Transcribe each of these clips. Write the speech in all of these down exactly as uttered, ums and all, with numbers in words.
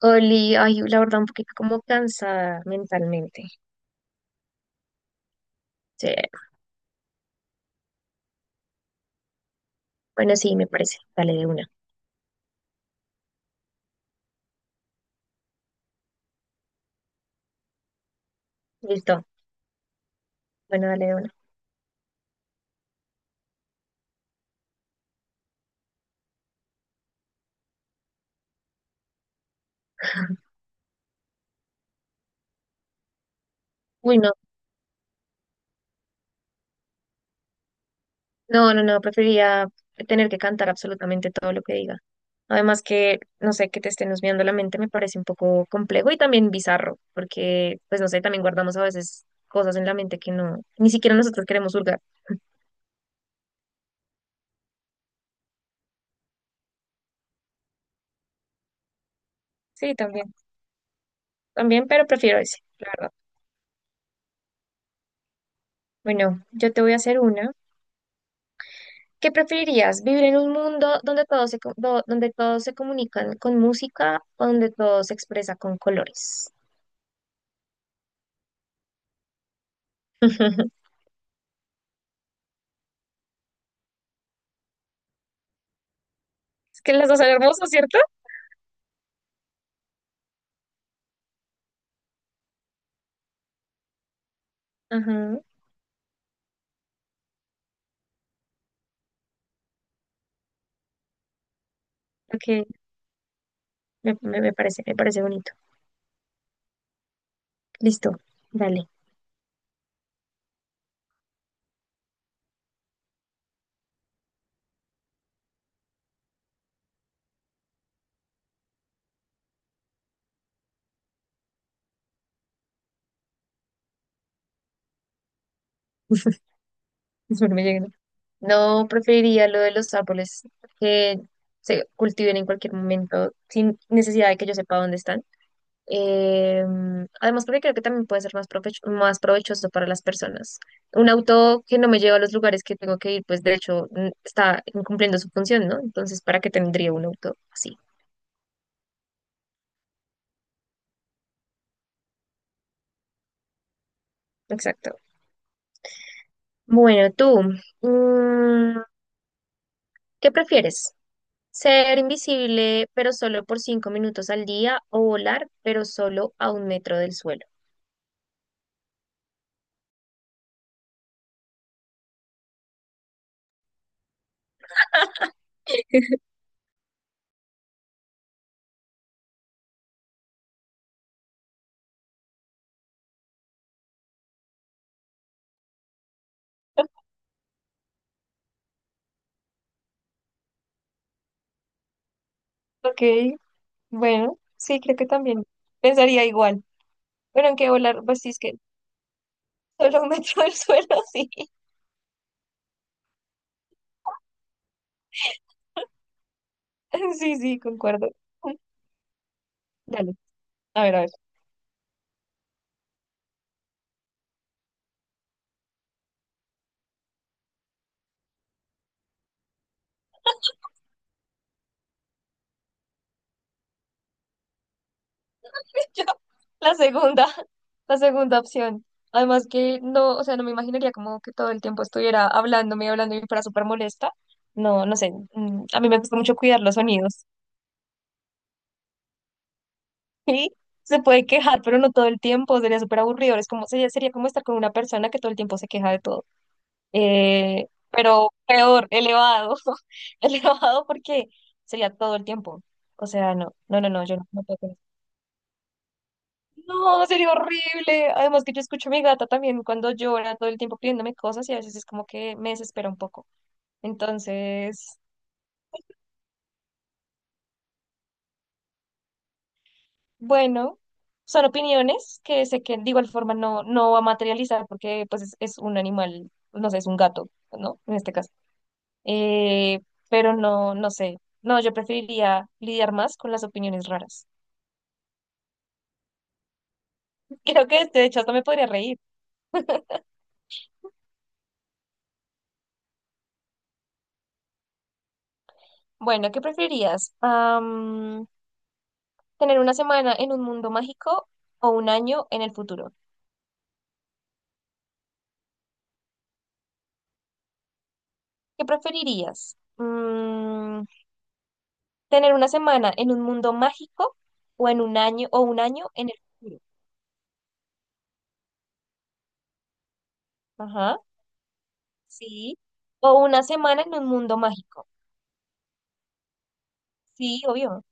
Oli, ay, la verdad, un poquito como cansada mentalmente. Sí, bueno, sí, me parece. Dale de una. Listo. Bueno, dale de una. Uy, no, no, no, no, preferiría tener que cantar absolutamente todo lo que diga. Además que, no sé, que te estén husmeando la mente me parece un poco complejo y también bizarro, porque, pues, no sé, también guardamos a veces cosas en la mente que no, ni siquiera nosotros queremos hurgar. Sí, también, también, pero prefiero ese, la verdad. Bueno, yo te voy a hacer una. ¿Qué preferirías? ¿Vivir en un mundo donde todos se, co- do- donde todos se comunican con música o donde todo se expresa con colores? Es que las dos son hermosas, ¿cierto? Ajá. Ok, me, me- me parece, me parece bonito. Listo, dale. Espero me lleguen. No preferiría lo de los árboles que se cultiven en cualquier momento sin necesidad de que yo sepa dónde están. Eh, Además, porque creo que también puede ser más provecho- más provechoso para las personas. Un auto que no me lleva a los lugares que tengo que ir, pues de hecho n- está incumpliendo su función, ¿no? Entonces, ¿para qué tendría un auto así? Exacto. Bueno, tú, mm, ¿qué prefieres? ¿Ser invisible pero solo por cinco minutos al día o volar pero solo a un metro del suelo? Ok, bueno, sí, creo que también pensaría igual. Pero aunque volar, pues sí, es que solo me meto el suelo, sí. Sí, sí, concuerdo. Dale, a ver, a ver. Yo, la segunda, la segunda opción. Además que no, o sea, no me imaginaría como que todo el tiempo estuviera hablándome y hablando y fuera súper molesta. No, no sé. mm, A mí me gusta mucho cuidar los sonidos. Sí, se puede quejar, pero no todo el tiempo. Sería súper aburrido. Es como, sería, sería como estar con una persona que todo el tiempo se queja de todo. Eh, pero peor, elevado, elevado porque sería todo el tiempo. O sea, no, no, no, no, yo no, no puedo con eso. No, sería horrible. Además que yo escucho a mi gata también cuando llora todo el tiempo pidiéndome cosas y a veces es como que me desespera un poco. Entonces, bueno, son opiniones que sé que de igual forma no, no va a materializar porque pues es, es un animal, no sé, es un gato, ¿no? En este caso. Eh, pero no, no sé. No, yo preferiría lidiar más con las opiniones raras. Creo que de hecho hasta me podría reír. Bueno, ¿qué preferirías? Am, ¿tener una semana en un mundo mágico o un año en el futuro? ¿Qué preferirías? Mm, ¿tener una semana en un mundo mágico o en un año o un año en el futuro? Ajá, sí. O una semana en un mundo mágico. Sí, obvio.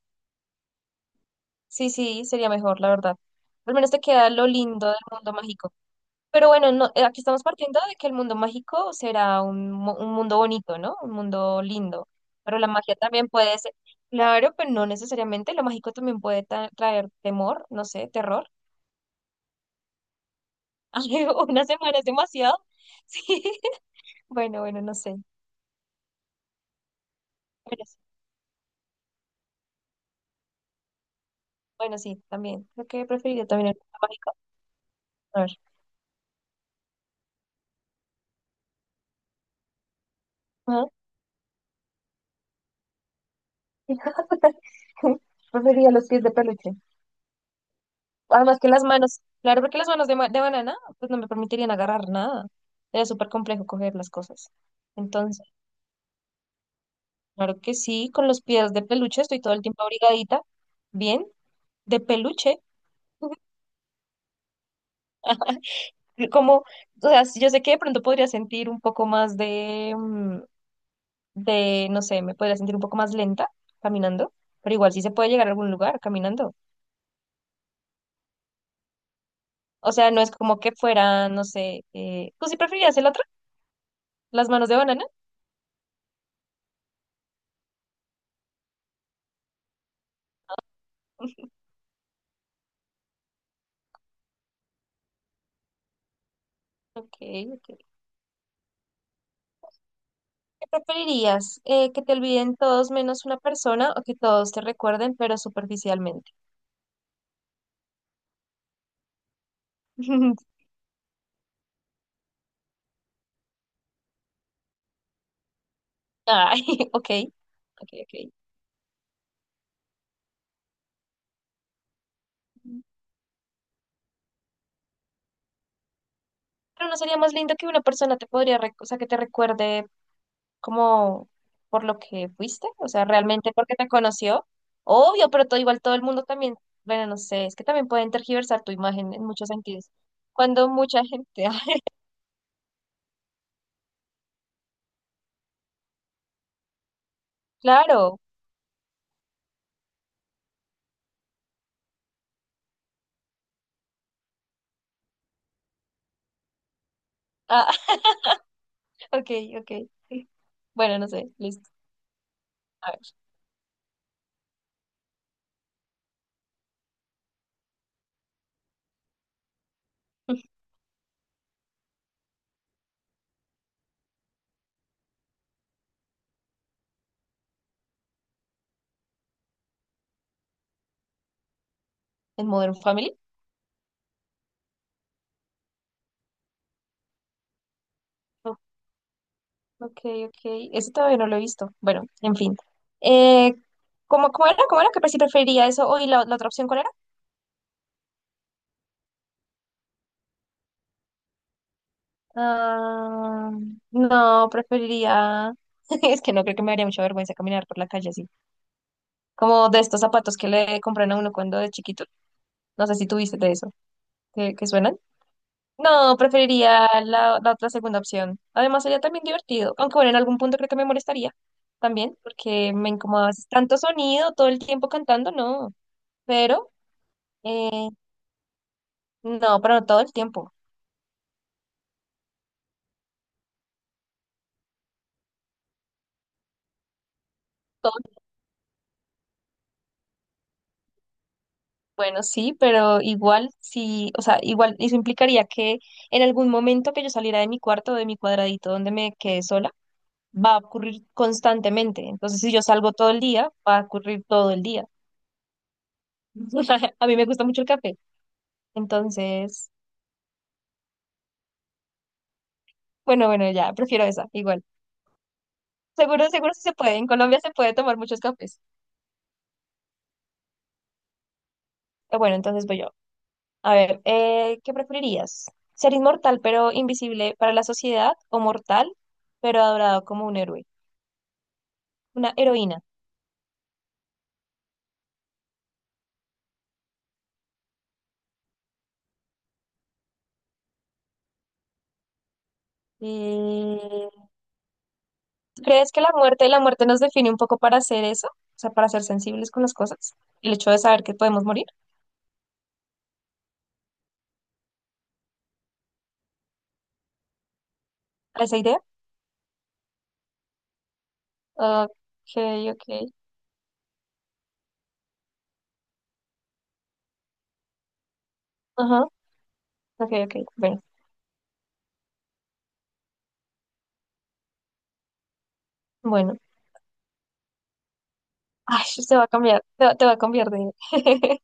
Sí, sí, sería mejor, la verdad. Al menos te queda lo lindo del mundo mágico. Pero bueno, no, eh, aquí estamos partiendo de que el mundo mágico será un, mu- un mundo bonito, ¿no? Un mundo lindo. Pero la magia también puede ser, claro, pero no necesariamente. Lo mágico también puede tra- traer temor, no sé, terror. Ay, una semana es demasiado. Sí. Bueno, bueno, no sé. Bueno, sí, bueno, sí, también. Creo que preferiría también el mundo mágico. A ver. Ajá. Preferiría los pies de peluche. Además que las manos, claro, porque las manos de, ma- de banana, pues no me permitirían agarrar nada. Era súper complejo coger las cosas. Entonces, claro que sí, con los pies de peluche estoy todo el tiempo abrigadita, bien, de peluche. Como, o sea, yo sé que de pronto podría sentir un poco más de, mm, de, no sé, me podría sentir un poco más lenta caminando, pero igual sí se puede llegar a algún lugar caminando. O sea, no es como que fuera, no sé, eh, ¿tú sí preferirías el otro? ¿Las manos de banana? Ok, ok. ¿Qué preferirías? Eh, ¿que te olviden todos menos una persona o que todos te recuerden, pero superficialmente? Ay, ok, ok, ok. Pero no sería más lindo que una persona te podría, rec- o sea, que te recuerde como por lo que fuiste, o sea, realmente porque te conoció. Obvio, pero todo igual todo el mundo también, bueno, no sé, es que también pueden tergiversar tu imagen en muchos sentidos. Cuando mucha gente, ah, claro, ah, ok, ok. Bueno, no sé, listo. A ver, en Modern Family. Ok, ok. Eso todavía no lo he visto. Bueno, en fin. Eh, ¿Cómo, cómo era? ¿Cómo era? ¿Qué si preferiría eso? ¿O y la, la otra opción cuál era? Ah, no, preferiría. Es que no creo que me daría mucha vergüenza caminar por la calle así. Como de estos zapatos que le compran a uno cuando de chiquito. No sé si tuviste de eso. ¿Que, que suenan? No, preferiría la, la otra segunda opción. Además, sería también divertido. Aunque bueno, en algún punto creo que me molestaría también, porque me incomodaba tanto sonido todo el tiempo cantando, no. Pero. eh, No, pero no todo el tiempo. Todo, bueno, sí, pero igual sí, o sea, igual eso implicaría que en algún momento que yo saliera de mi cuarto o de mi cuadradito donde me quedé sola, va a ocurrir constantemente. Entonces, si yo salgo todo el día, va a ocurrir todo el día. O sea, a mí me gusta mucho el café. Entonces, bueno, bueno, ya, prefiero esa, igual. Seguro, seguro sí se puede. En Colombia se puede tomar muchos cafés. Pero bueno, entonces voy yo. A ver, eh, ¿qué preferirías? ¿Ser inmortal pero invisible para la sociedad o mortal pero adorado como un héroe, una heroína? Mm, ¿tú Crees que la muerte, la muerte nos define un poco para hacer eso? O sea, para ser sensibles con las cosas. El hecho de saber que podemos morir, ¿a esa idea? Ok, ok. Ajá, ok, ok. Bueno, bueno. Ay, te va a cambiar, te va, te va a cambiar de...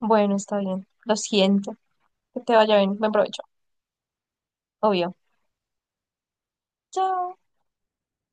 Bueno, está bien. Lo siento. Que te vaya bien. Buen provecho. Obvio. Chao.